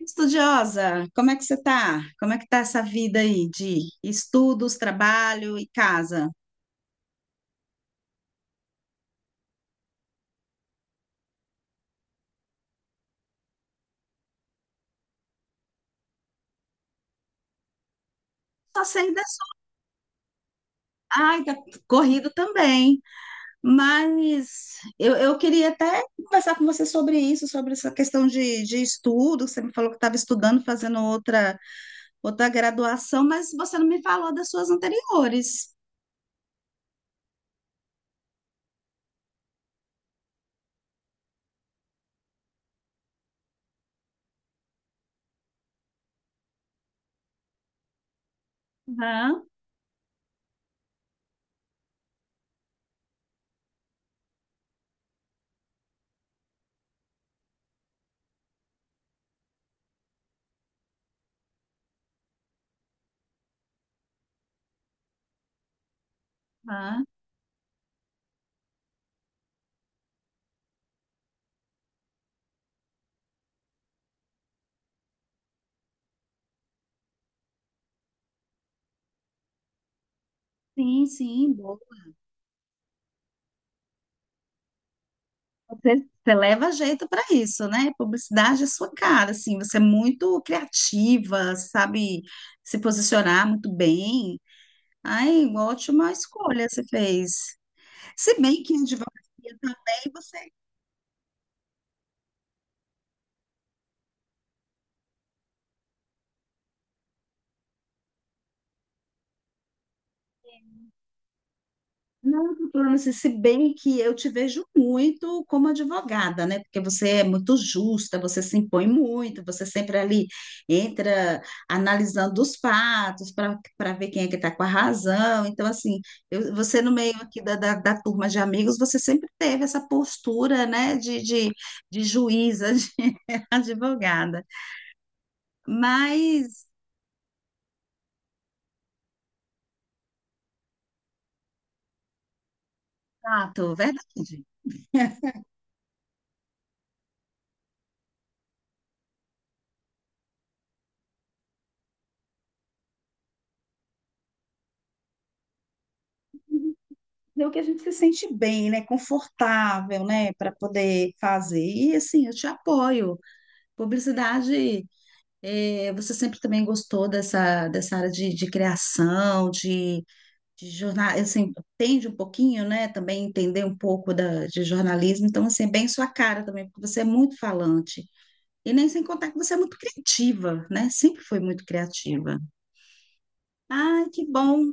Estudiosa, como é que você tá? Como é que tá essa vida aí de estudos, trabalho e casa? Só sei das... Ai, tá corrido também, mas eu queria até conversar com você sobre isso, sobre essa questão de estudo, você me falou que estava estudando, fazendo outra, outra graduação, mas você não me falou das suas anteriores. Aham, aham. Sim, sim, boa. Você leva jeito para isso, né? Publicidade é sua cara, assim, você é muito criativa, sabe se posicionar muito bem. Ai, ótima escolha você fez. Se bem que em advocacia também você. Não, doutora, mas se bem que eu te vejo muito como advogada, né? Porque você é muito justa, você se impõe muito, você sempre ali entra analisando os fatos para ver quem é que está com a razão. Então, assim, você no meio aqui da turma de amigos, você sempre teve essa postura, né, de juíza, de advogada. Mas, fato, verdade. Fazer o que a gente se sente bem, né? Confortável, né? Para poder fazer. E assim, eu te apoio. Publicidade, você sempre também gostou dessa, dessa área de criação, de jornal, assim, entende um pouquinho, né? Também entender um pouco de jornalismo. Então, assim, é bem sua cara também, porque você é muito falante. E nem sem contar que você é muito criativa, né? Sempre foi muito criativa. Ai, que bom.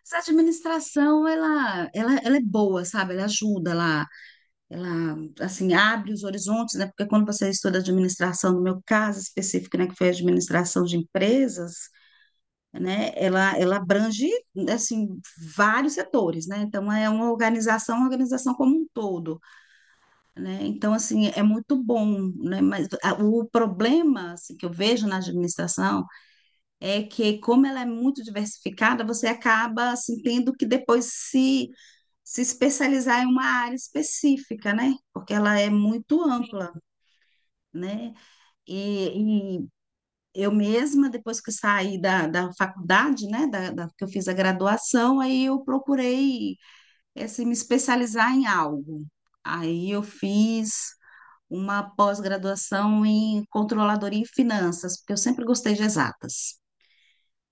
Mas a administração, ela é boa, sabe? Ela ajuda lá, ela assim abre os horizontes, né? Porque quando você estuda administração, no meu caso específico, né, que foi a administração de empresas, né, ela abrange assim vários setores, né? Então é uma organização como um todo, né? Então assim é muito bom, né? Mas o problema assim, que eu vejo na administração é que como ela é muito diversificada, você acaba assim tendo que depois se especializar em uma área específica, né? Porque ela é muito ampla. Né? E eu mesma, depois que saí da, da faculdade, que eu fiz a graduação, aí eu procurei assim, me especializar em algo. Aí eu fiz uma pós-graduação em controladoria e finanças, porque eu sempre gostei de exatas.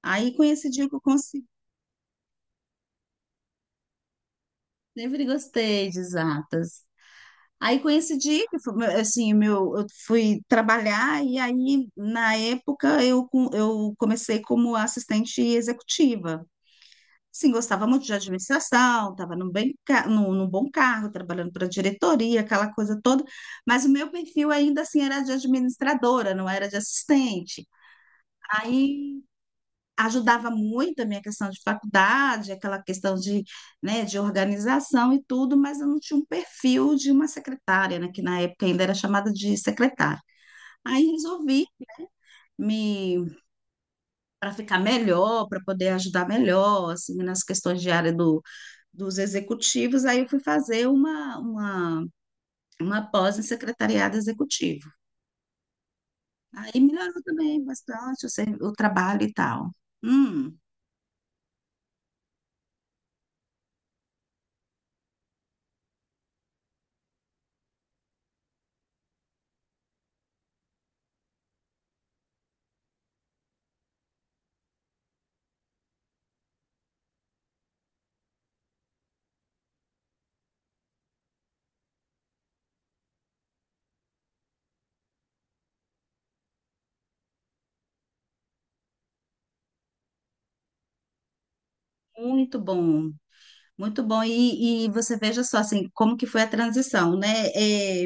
Aí com esse dia que eu consegui, sempre gostei de exatas. Aí coincidi que foi, assim, meu, eu fui trabalhar e aí na época eu comecei como assistente executiva. Sim, gostava muito de administração, estava num bem, num bom cargo, trabalhando para diretoria, aquela coisa toda, mas o meu perfil ainda assim era de administradora, não era de assistente. Aí ajudava muito a minha questão de faculdade, aquela questão de, né, de organização e tudo, mas eu não tinha um perfil de uma secretária, né, que na época ainda era chamada de secretária. Aí resolvi me para ficar melhor, para poder ajudar melhor, assim, nas questões de área dos executivos, aí eu fui fazer uma pós em secretariado executivo. Aí melhorou também bastante o trabalho e tal. Hum, muito bom. Muito bom. E você veja só, assim, como que foi a transição, né? É,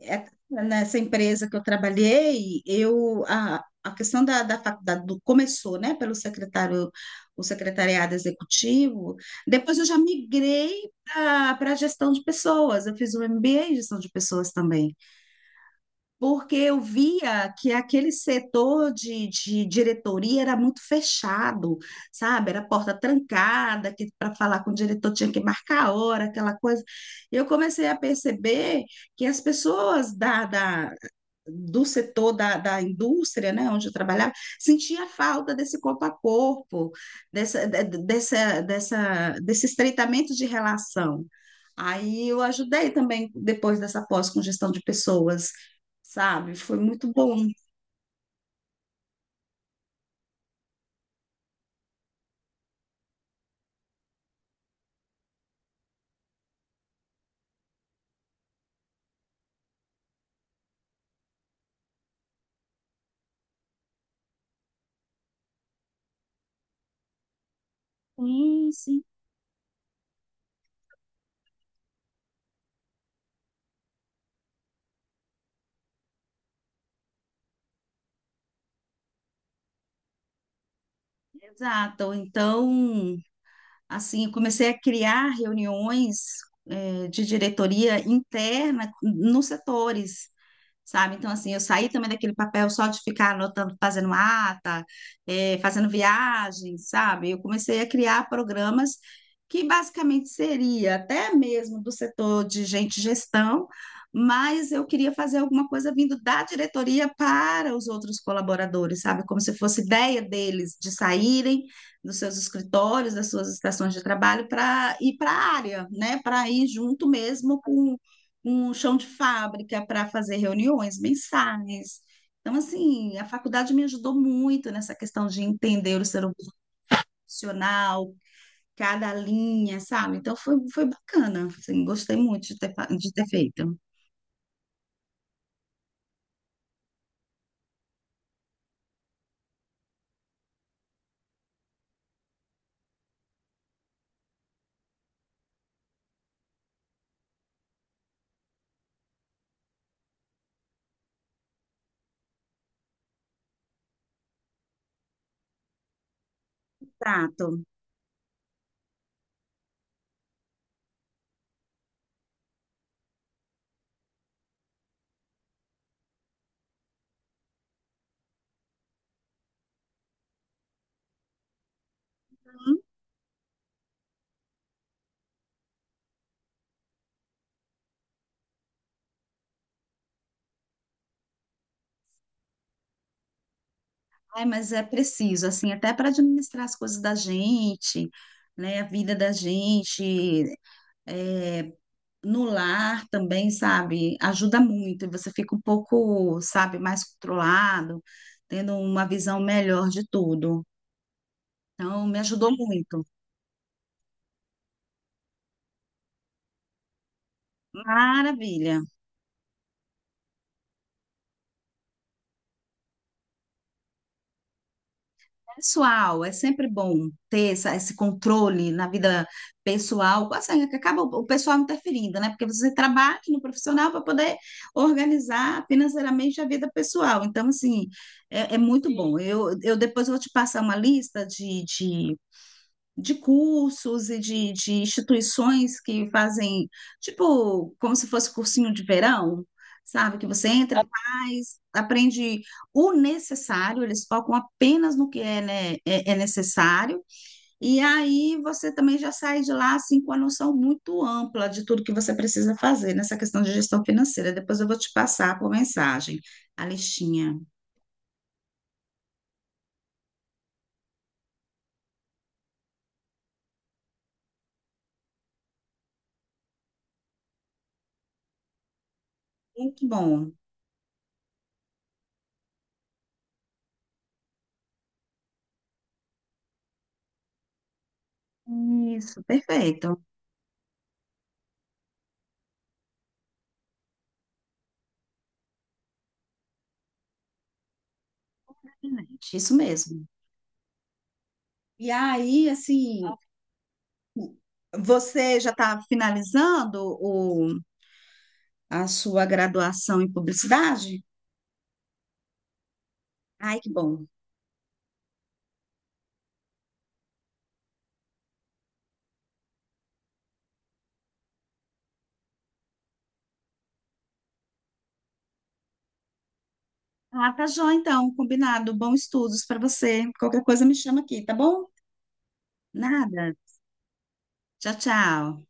Nessa empresa que eu trabalhei, eu, a questão da, começou, né, pelo secretário, o secretariado executivo. Depois eu já migrei para a gestão de pessoas. Eu fiz o MBA em gestão de pessoas também porque eu via que aquele setor de diretoria era muito fechado, sabe? Era porta trancada, que para falar com o diretor tinha que marcar a hora, aquela coisa. Eu comecei a perceber que as pessoas do setor da indústria, né, onde eu trabalhava, sentia falta desse corpo a corpo, dessa, de- dessa, dessa, desse estreitamento de relação. Aí eu ajudei também depois dessa pós com gestão de pessoas, sabe? Foi muito bom. Sim, sim. Exato. Então, assim, eu comecei a criar reuniões, de diretoria interna nos setores. Sabe? Então, assim, eu saí também daquele papel só de ficar anotando, fazendo ata, fazendo viagem, sabe? Eu comecei a criar programas que basicamente seria até mesmo do setor de gente gestão, mas eu queria fazer alguma coisa vindo da diretoria para os outros colaboradores, sabe? Como se fosse ideia deles de saírem dos seus escritórios, das suas estações de trabalho para ir para a área, né? Para ir junto mesmo com um chão de fábrica para fazer reuniões mensais. Então, assim, a faculdade me ajudou muito nessa questão de entender o ser humano profissional, cada linha, sabe? Então, foi bacana, assim, gostei muito de ter, de ter feito. Prato. Ai, mas é preciso, assim, até para administrar as coisas da gente, né? A vida da gente, é, no lar também, sabe, ajuda muito, e você fica um pouco, sabe, mais controlado, tendo uma visão melhor de tudo. Então, me ajudou muito. Maravilha. Pessoal, é sempre bom ter essa, esse controle na vida pessoal, assim, é que acaba o pessoal interferindo, né? Porque você trabalha no profissional para poder organizar financeiramente a vida pessoal. Então, assim, é muito bom. Eu depois vou te passar uma lista de cursos e de instituições que fazem, tipo, como se fosse cursinho de verão, sabe? Que você entra, faz, aprende o necessário, eles focam apenas no que é, né, é necessário, e aí você também já sai de lá, assim, com a noção muito ampla de tudo que você precisa fazer nessa questão de gestão financeira. Depois eu vou te passar por mensagem a listinha. Muito bom. Isso, perfeito. Excelente, isso mesmo. E aí, assim, você já está finalizando a sua graduação em publicidade? Ai, que bom. Ah, tá joia, então, combinado. Bons estudos para você. Qualquer coisa me chama aqui, tá bom? Nada. Tchau, tchau.